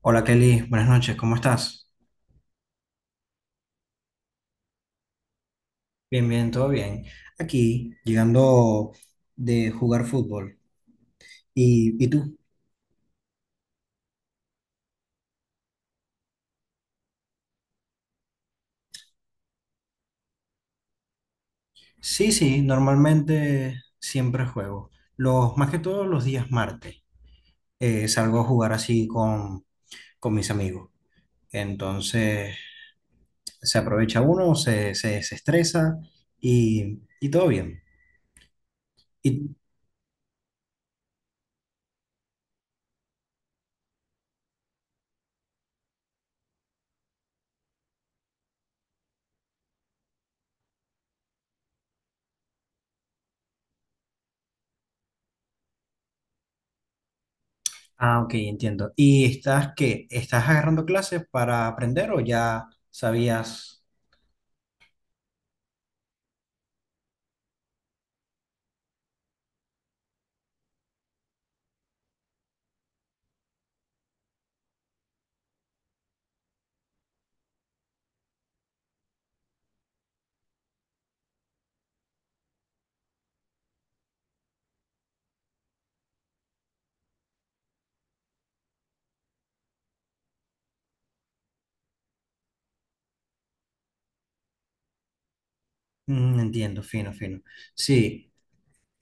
Hola Kelly, buenas noches, ¿cómo estás? Bien, bien, todo bien. Aquí, llegando de jugar fútbol. ¿Y tú? Sí, sí, normalmente siempre juego. Más que todos los días martes salgo a jugar así con mis amigos. Entonces se aprovecha uno, se estresa y todo bien. Y, ah, ok, entiendo. ¿Y estás qué? ¿Estás agarrando clases para aprender o ya sabías? Entiendo, fino, fino. Sí,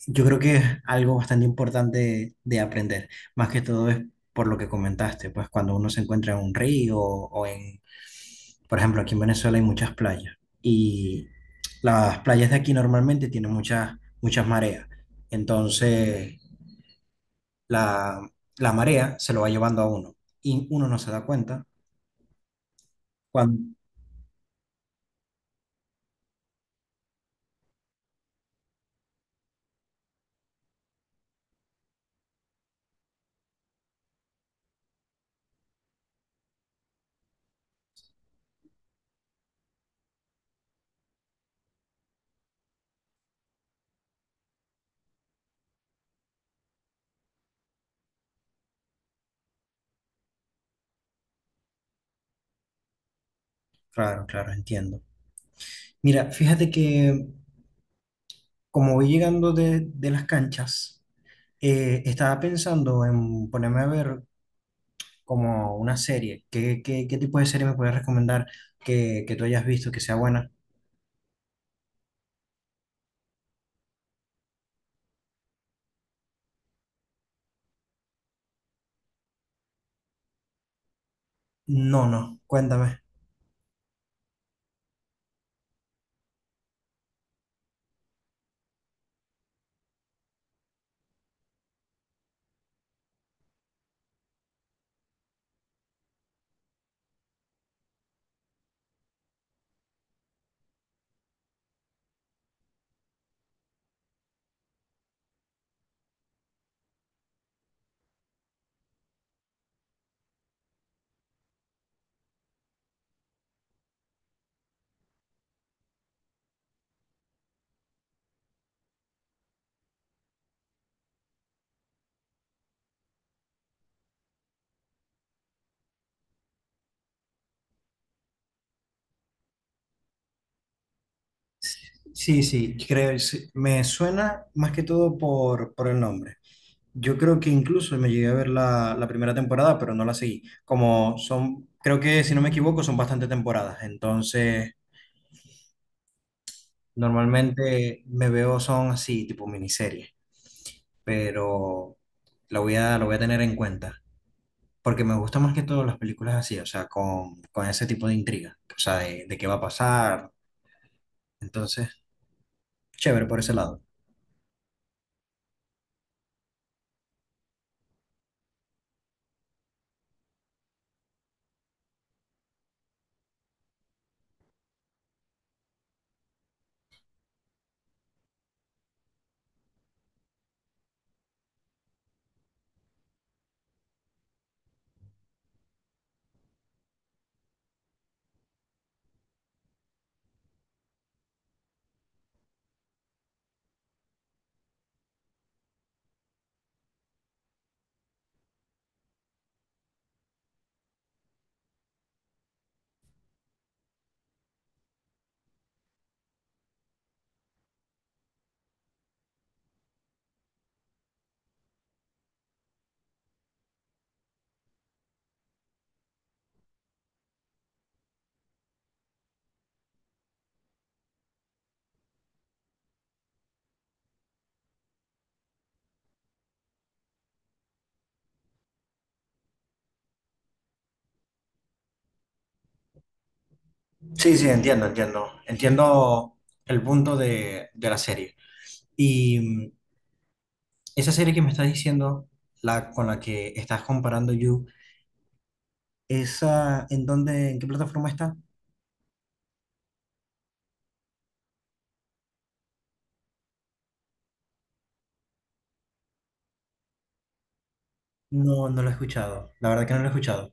yo creo que es algo bastante importante de aprender. Más que todo es por lo que comentaste, pues cuando uno se encuentra en un río o en, por ejemplo, aquí en Venezuela hay muchas playas y las playas de aquí normalmente tienen muchas, muchas mareas. Entonces, la, la marea se lo va llevando a uno y uno no se da cuenta cuando... Claro, claro, entiendo. Mira, fíjate que como voy llegando de las canchas. Estaba pensando en ponerme a ver como una serie. Qué tipo de serie me puedes recomendar que tú hayas visto que sea buena? No, no, cuéntame. Sí, sí, creo, sí, me suena más que todo por el nombre. Yo creo que incluso me llegué a ver la primera temporada, pero no la seguí. Como son, creo que si no me equivoco, son bastante temporadas. Entonces, normalmente me veo son así, tipo miniserie, pero la voy a tener en cuenta. Porque me gustan más que todo las películas así, o sea, con ese tipo de intriga, o sea, de qué va a pasar. Entonces, chévere por ese lado. Sí, sí, entiendo, entiendo. Entiendo el punto de la serie. Y mm, Esa serie que me estás diciendo, la con la que estás comparando You, ¿esa en dónde, en qué plataforma está? No, no la he escuchado. La verdad que no la he escuchado.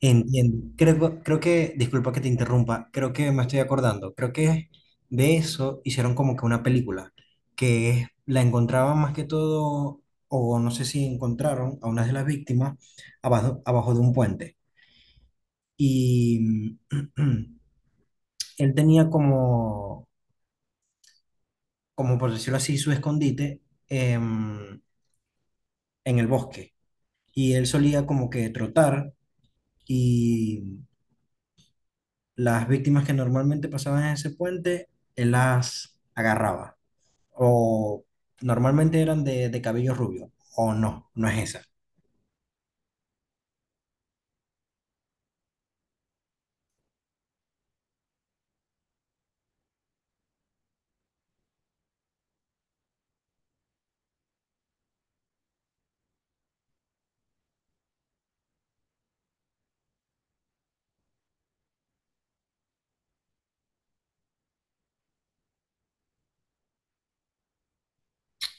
Entiendo. Creo, creo que, disculpa que te interrumpa, creo que me estoy acordando, creo que de eso hicieron como que una película, la encontraban más que todo, o no sé si encontraron a una de las víctimas abajo, abajo de un puente. Y él tenía como, como por decirlo así, su escondite em, en el bosque. Y él solía como que trotar y las víctimas que normalmente pasaban en ese puente, él las agarraba. O normalmente eran de cabello rubio. O no, no es esa.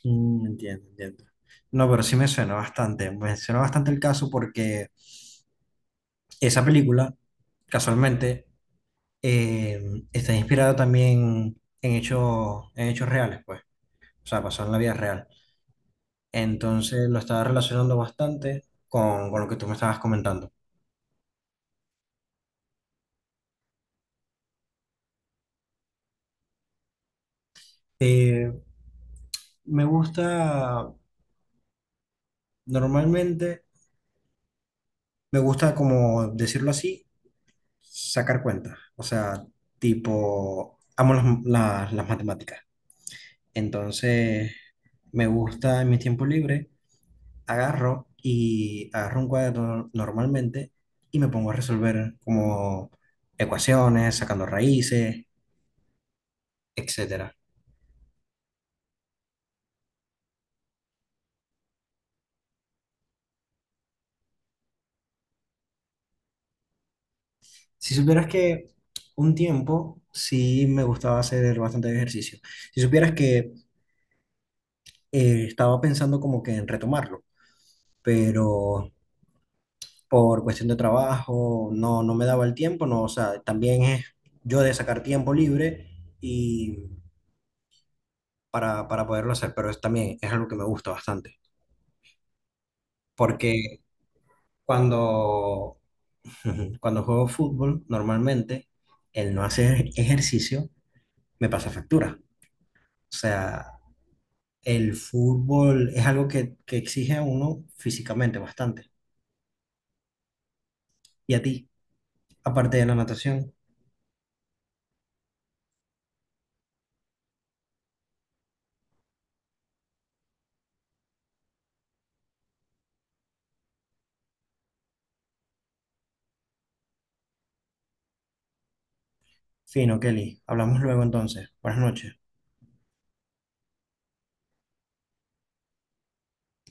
Entiendo, entiendo. No, pero sí me suena bastante. Me suena bastante el caso porque esa película, casualmente, eh, está inspirada también en hechos reales, pues. O sea, pasó en la vida real. Entonces lo estaba relacionando bastante con lo que tú me estabas comentando. Eh, Me gusta. Normalmente me gusta, como decirlo así, sacar cuentas. O sea, tipo, amo las matemáticas. Entonces, me gusta en mi tiempo libre, agarro un cuaderno normalmente y me pongo a resolver como ecuaciones, sacando raíces, etcétera. Si supieras que un tiempo sí me gustaba hacer bastante ejercicio. Si supieras que estaba pensando como que en retomarlo, pero por cuestión de trabajo no me daba el tiempo. No, o sea, también es yo de sacar tiempo libre y para poderlo hacer, pero es también es algo que me gusta bastante, porque cuando, cuando juego fútbol, normalmente el no hacer ejercicio me pasa factura, o sea, el fútbol es algo que exige a uno físicamente bastante, y a ti, aparte de la natación. Fino, Kelly. Hablamos luego entonces. Buenas noches.